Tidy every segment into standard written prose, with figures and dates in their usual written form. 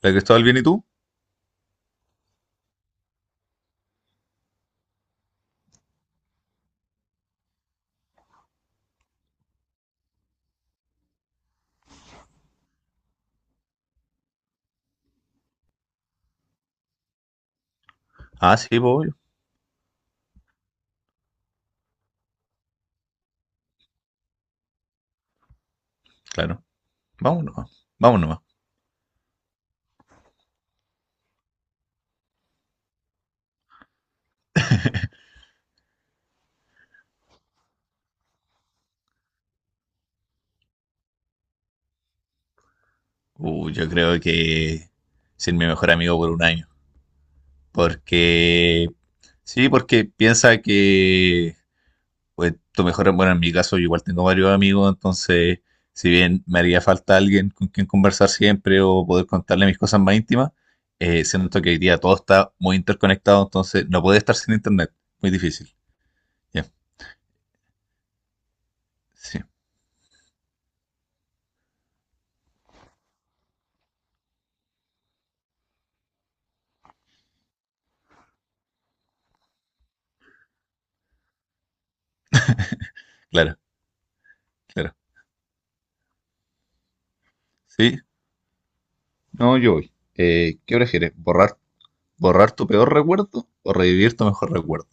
¿La Cristóbal bien y tú? Ah, sí, pues, claro. Vamos nomás, vamos nomás. Yo creo que ser mi mejor amigo por un año. Porque, sí, porque piensa que, pues, tu mejor, bueno, en mi caso, yo igual tengo varios amigos, entonces, si bien me haría falta alguien con quien conversar siempre o poder contarle mis cosas más íntimas, siento que hoy día todo está muy interconectado, entonces no puede estar sin internet. Muy difícil. Ya, sí, claro, claro. Sí, no, yo voy. ¿Qué prefieres? ¿Borrar tu peor recuerdo o revivir tu mejor recuerdo?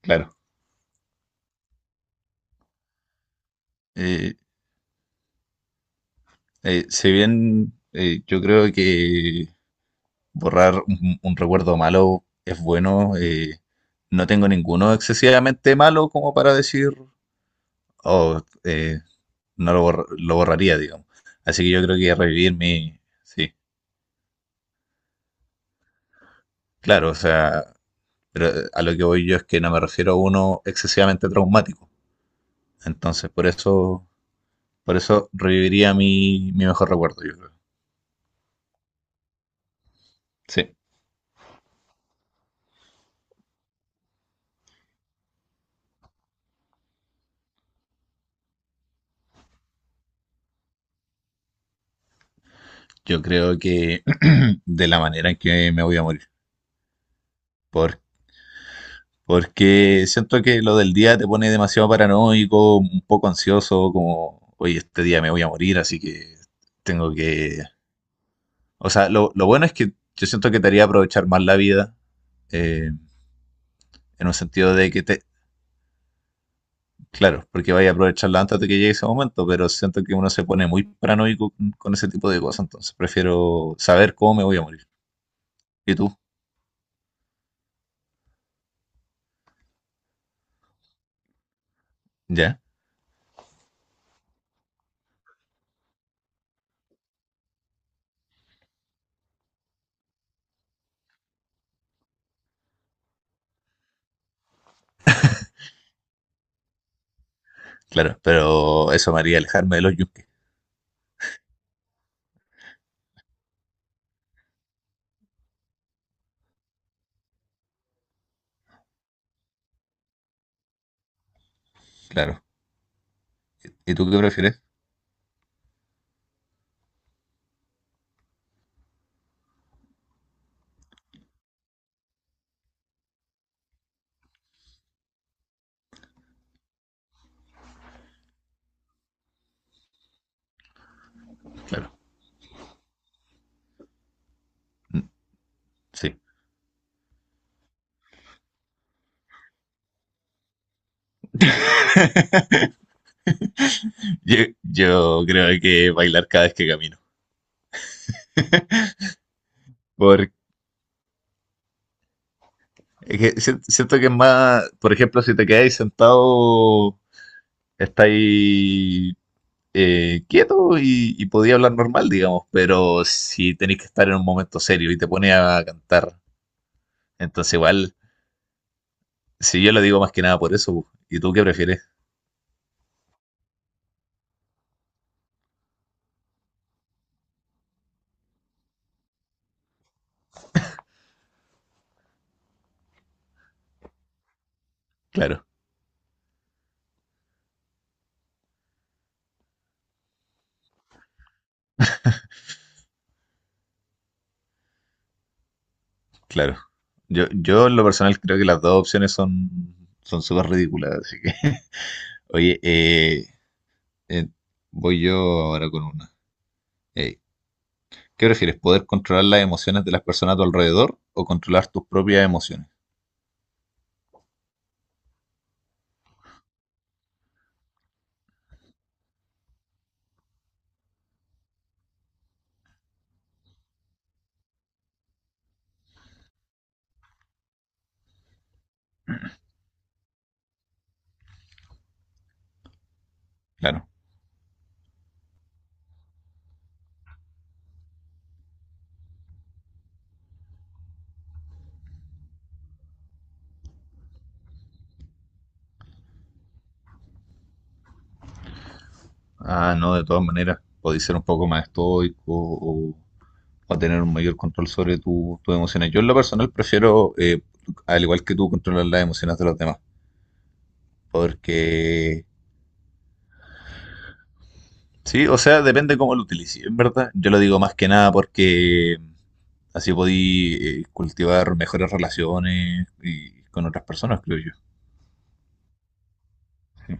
Claro. Eh, si bien yo creo que borrar un recuerdo malo es bueno, no tengo ninguno excesivamente malo como para decir, oh, no lo, lo borraría, digamos. Así que yo creo que revivir mi... Sí, claro, o sea, pero a lo que voy yo es que no me refiero a uno excesivamente traumático. Entonces, por eso reviviría mi mejor recuerdo, yo creo. Sí. Yo creo que de la manera en que me voy a morir. Por, porque siento que lo del día te pone demasiado paranoico, un poco ansioso, como, oye, este día me voy a morir, así que tengo que... O sea, lo bueno es que yo siento que te haría aprovechar más la vida, eh, en un sentido de que te... Claro, porque vaya a aprovecharla antes de que llegue ese momento, pero siento que uno se pone muy paranoico con ese tipo de cosas, entonces prefiero saber cómo me voy a morir. ¿Y tú? ¿Ya? Claro, pero eso me haría alejarme de los yunques. Claro. ¿Y tú qué prefieres? Claro. Sí. Yo, yo creo que bailar cada vez que camino. Porque es que siento que es más, por ejemplo, si te quedáis sentado, estáis quieto y podía hablar normal, digamos, pero si tenéis que estar en un momento serio y te pones a cantar, entonces igual, si yo lo digo más que nada por eso, bu. ¿Y tú qué prefieres? Claro, claro. Yo en lo personal creo que las dos opciones son son súper ridículas, así que... Oye, Eh, voy yo ahora con una. Eh, ¿Qué prefieres? ¿Poder controlar las emociones de las personas a tu alrededor o controlar tus propias emociones? Claro. Ah, no, de todas maneras. Podéis ser un poco más estoico o tener un mayor control sobre tus emociones. Yo en lo personal prefiero, al igual que tú, controlar las emociones de los demás. Porque... Sí, o sea, depende cómo lo utilices, en verdad. Yo lo digo más que nada porque así podí cultivar mejores relaciones con otras personas, creo yo. Sí.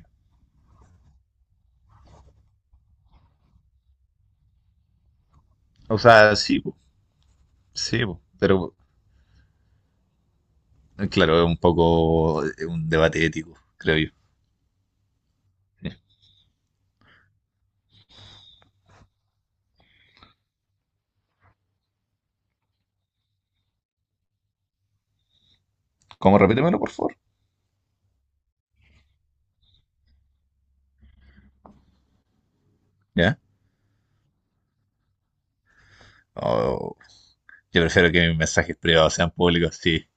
O sea, sí, po, pero claro, es un poco un debate ético, creo yo. Ya. ¿Cómo? Repítemelo, por favor. ¿Ya? Oh, yo prefiero que mis mensajes privados sean públicos, sí.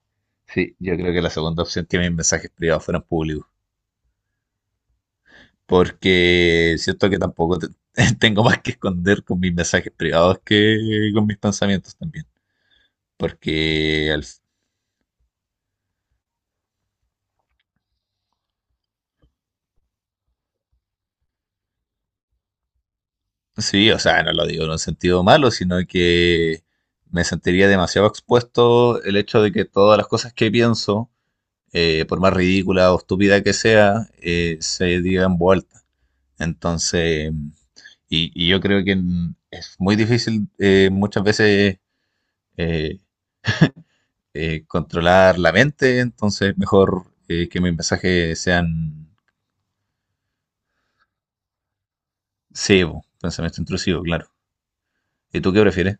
Sí, yo creo que la segunda opción que mis mensajes privados fueran públicos. Porque siento que tampoco tengo más que esconder con mis mensajes privados que con mis pensamientos también. Porque al, Sí, o sea, no lo digo en un sentido malo, sino que me sentiría demasiado expuesto el hecho de que todas las cosas que pienso, por más ridícula o estúpida que sea, se digan vuelta. Entonces, y yo creo que es muy difícil muchas veces eh, controlar la mente, entonces mejor que mis mensajes sean cebo, pensamiento intrusivo, claro. ¿Y tú qué prefieres?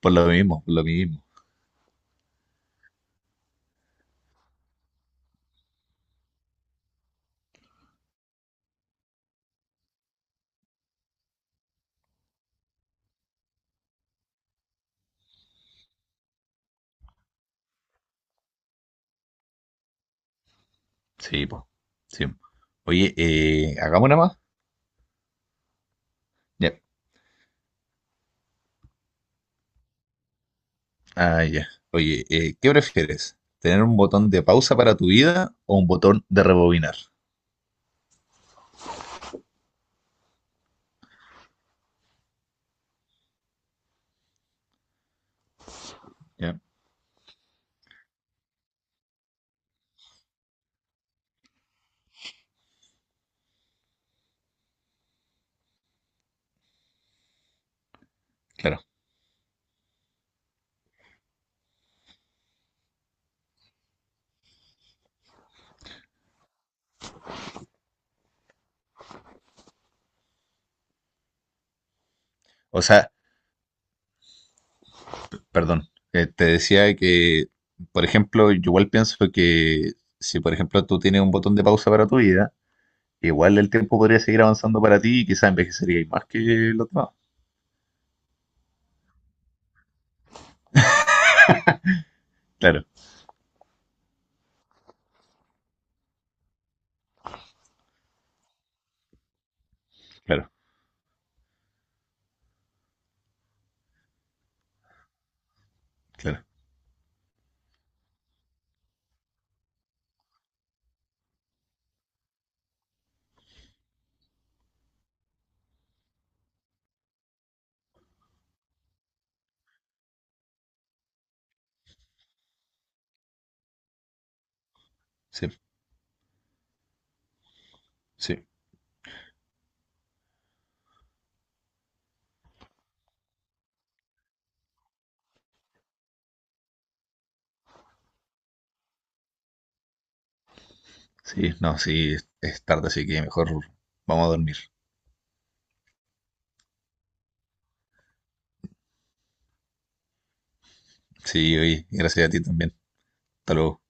Por lo mismo, por lo mismo. Sí, pues. Sí. Oye, hagamos una más. Ya. Ah, ya. Oye, ¿qué prefieres? ¿Tener un botón de pausa para tu vida o un botón de rebobinar? Ya, claro. O sea, perdón. Te decía que, por ejemplo, yo igual pienso que si, por ejemplo, tú tienes un botón de pausa para tu vida, igual el tiempo podría seguir avanzando para ti y quizás envejecerías más que los demás. Claro, claro, claro. Sí, sí. Sí, no, sí, es tarde, así que mejor vamos a dormir. Sí, oye, gracias a ti también. Hasta luego.